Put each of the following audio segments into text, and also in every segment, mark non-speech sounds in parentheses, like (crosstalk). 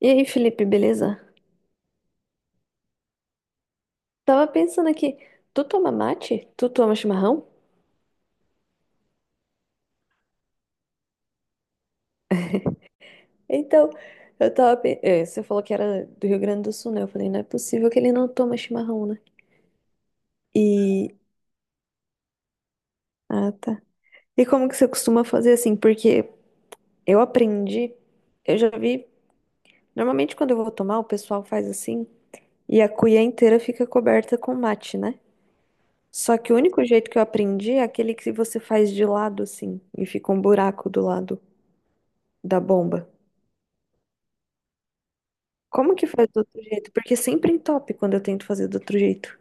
E aí, Felipe, beleza? Tava pensando aqui, tu toma mate? Tu toma chimarrão? Então, eu tava. Você falou que era do Rio Grande do Sul, né? Eu falei, não é possível que ele não toma chimarrão, né? E. Ah, tá. E como que você costuma fazer assim? Porque eu aprendi, eu já vi. Normalmente, quando eu vou tomar, o pessoal faz assim, e a cuia inteira fica coberta com mate, né? Só que o único jeito que eu aprendi é aquele que você faz de lado, assim, e fica um buraco do lado da bomba. Como que faz do outro jeito? Porque sempre entope quando eu tento fazer do outro jeito.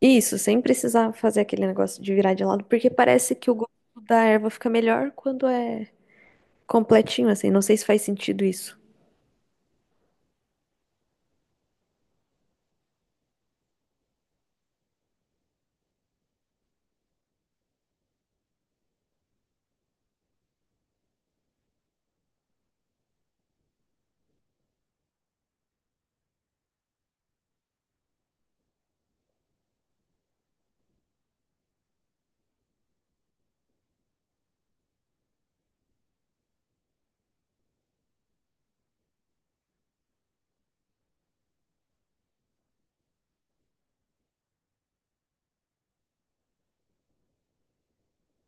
Isso, sem precisar fazer aquele negócio de virar de lado, porque parece que o gosto da erva fica melhor quando é completinho, assim. Não sei se faz sentido isso.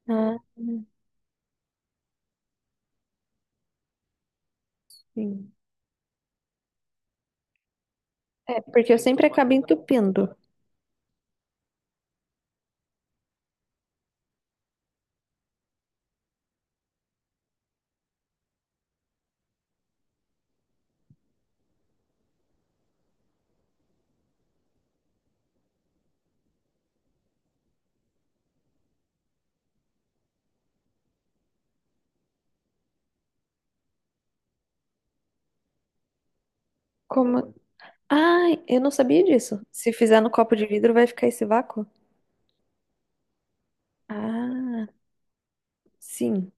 Ah, sim. É, porque eu sempre acabo entupindo. Como. Ah, eu não sabia disso. Se fizer no copo de vidro, vai ficar esse vácuo? Ah, sim,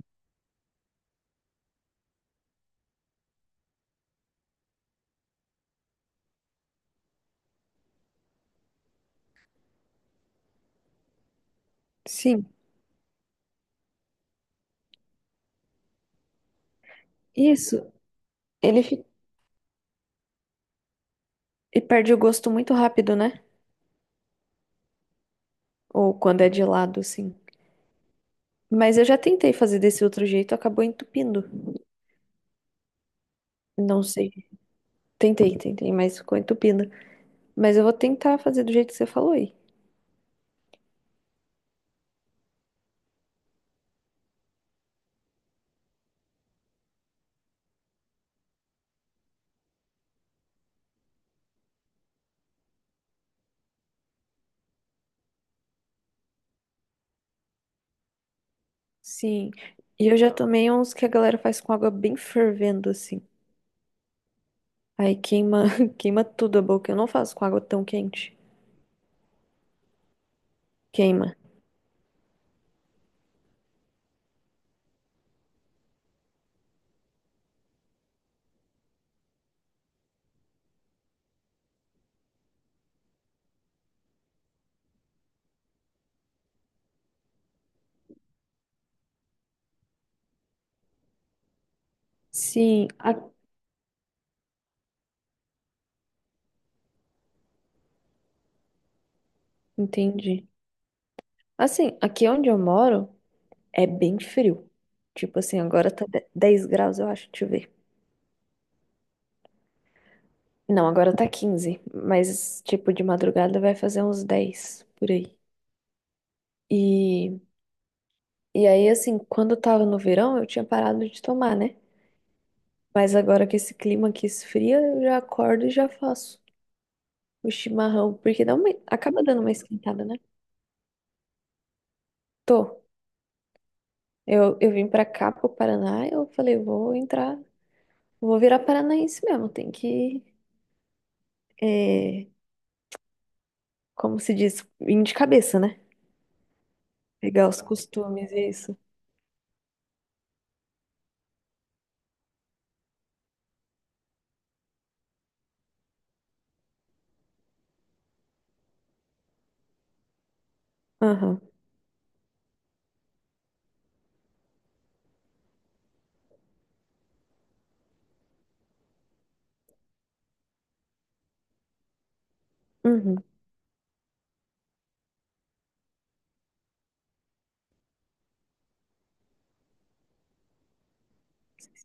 sim. Isso. Ele fi- e perde o gosto muito rápido, né? Ou quando é de lado, assim. Mas eu já tentei fazer desse outro jeito, acabou entupindo. Não sei. Tentei, tentei, mas ficou entupindo. Mas eu vou tentar fazer do jeito que você falou aí. Sim. E eu já tomei uns que a galera faz com água bem fervendo, assim. Aí queima, (laughs) queima tudo a boca. Eu não faço com água tão quente. Queima. Sim, a- entendi. Assim, aqui onde eu moro é bem frio. Tipo assim, agora tá de- 10 graus, eu acho. Deixa eu ver. Não, agora tá 15, mas tipo de madrugada vai fazer uns 10 por aí. E, e aí, assim, quando eu tava no verão, eu tinha parado de tomar, né? Mas agora que esse clima aqui esfria, eu já acordo e já faço o chimarrão, porque dá uma, acaba dando uma esquentada, né? Tô. Eu vim pra cá, pro Paraná, eu falei, vou entrar, vou virar paranaense mesmo, tem que, é, como se diz, vir de cabeça, né? Pegar os costumes e isso. Aham. Uhum.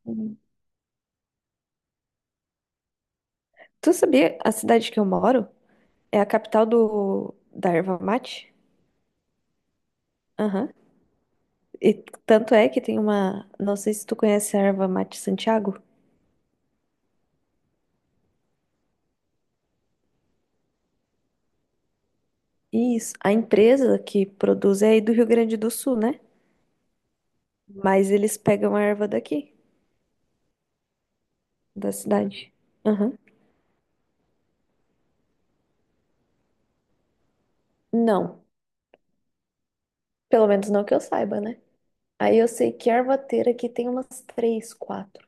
Sim. Tu sabia, a cidade que eu moro é a capital do, da erva mate? Aham. E tanto é que tem uma. Não sei se tu conhece a erva mate Santiago. Isso. A empresa que produz é aí do Rio Grande do Sul, né? Mas eles pegam a erva daqui, da cidade. Aham. Não. Pelo menos não que eu saiba, né? Aí eu sei que ervateira aqui tem umas três, quatro.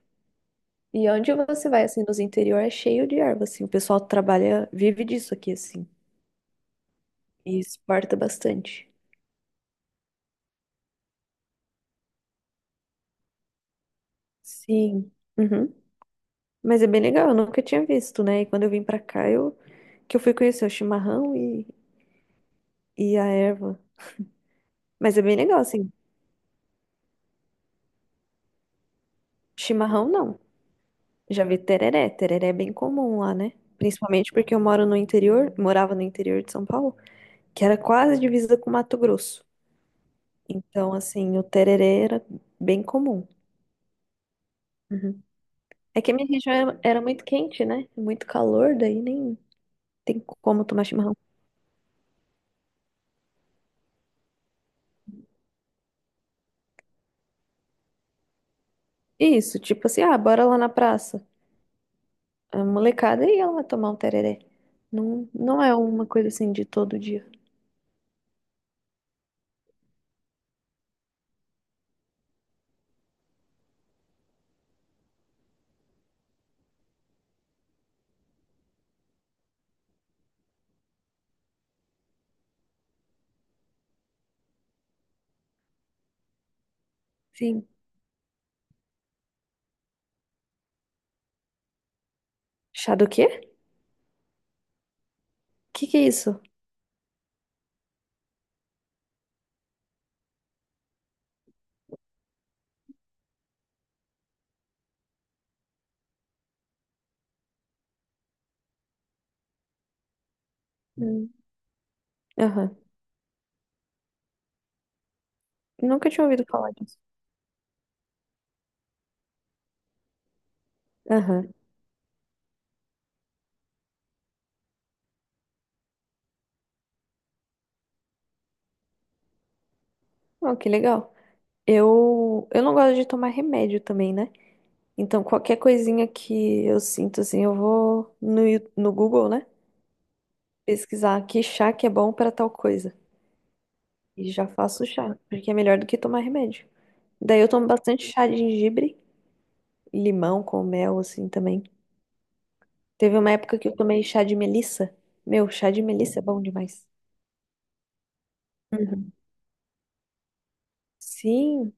E onde você vai, assim, nos interior é cheio de erva, assim. O pessoal trabalha, vive disso aqui, assim. E exporta bastante. Sim. Uhum. Mas é bem legal, eu nunca tinha visto, né? E quando eu vim pra cá, eu que eu fui conhecer o chimarrão e a erva. Mas é bem legal, assim. Chimarrão não. Já vi tereré. Tereré é bem comum lá, né? Principalmente porque eu moro no interior, morava no interior de São Paulo, que era quase divisa com Mato Grosso. Então, assim, o tereré era bem comum. Uhum. É que a minha região era, era muito quente, né? Muito calor, daí nem tem como tomar chimarrão. Isso, tipo assim, ah, bora lá na praça. A molecada ia lá tomar um tereré. Não, não é uma coisa assim de todo dia. Sim. Chá do quê? O que que é isso? Hum. Aham. Nunca tinha ouvido falar disso. Aham. Oh, que legal. Eu não gosto de tomar remédio também, né? Então, qualquer coisinha que eu sinto, assim, eu vou no, Yu- no Google, né? Pesquisar que chá que é bom para tal coisa. E já faço chá, porque é melhor do que tomar remédio. Daí eu tomo bastante chá de gengibre, limão com mel, assim, também. Teve uma época que eu tomei chá de melissa. Meu, chá de melissa é bom demais. Uhum. Sim,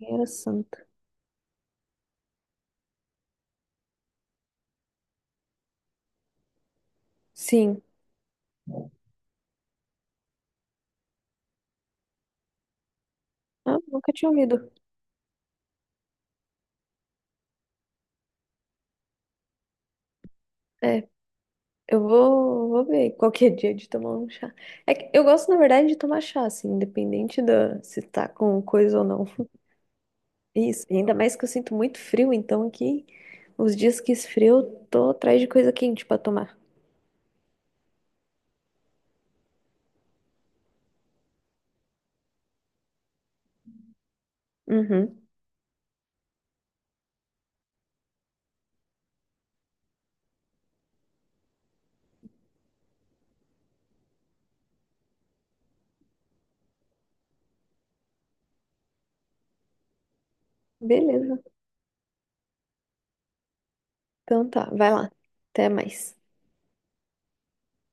era. Sim. Ah, nunca tinha ouvido. É, eu vou, vou ver qualquer dia de tomar um chá. É que eu gosto, na verdade, de tomar chá, assim, independente da se tá com coisa ou não. Isso. E ainda mais que eu sinto muito frio, então aqui, os dias que esfria, eu tô atrás de coisa quente pra tomar. Uhum. Beleza. Então tá, vai lá. Até mais.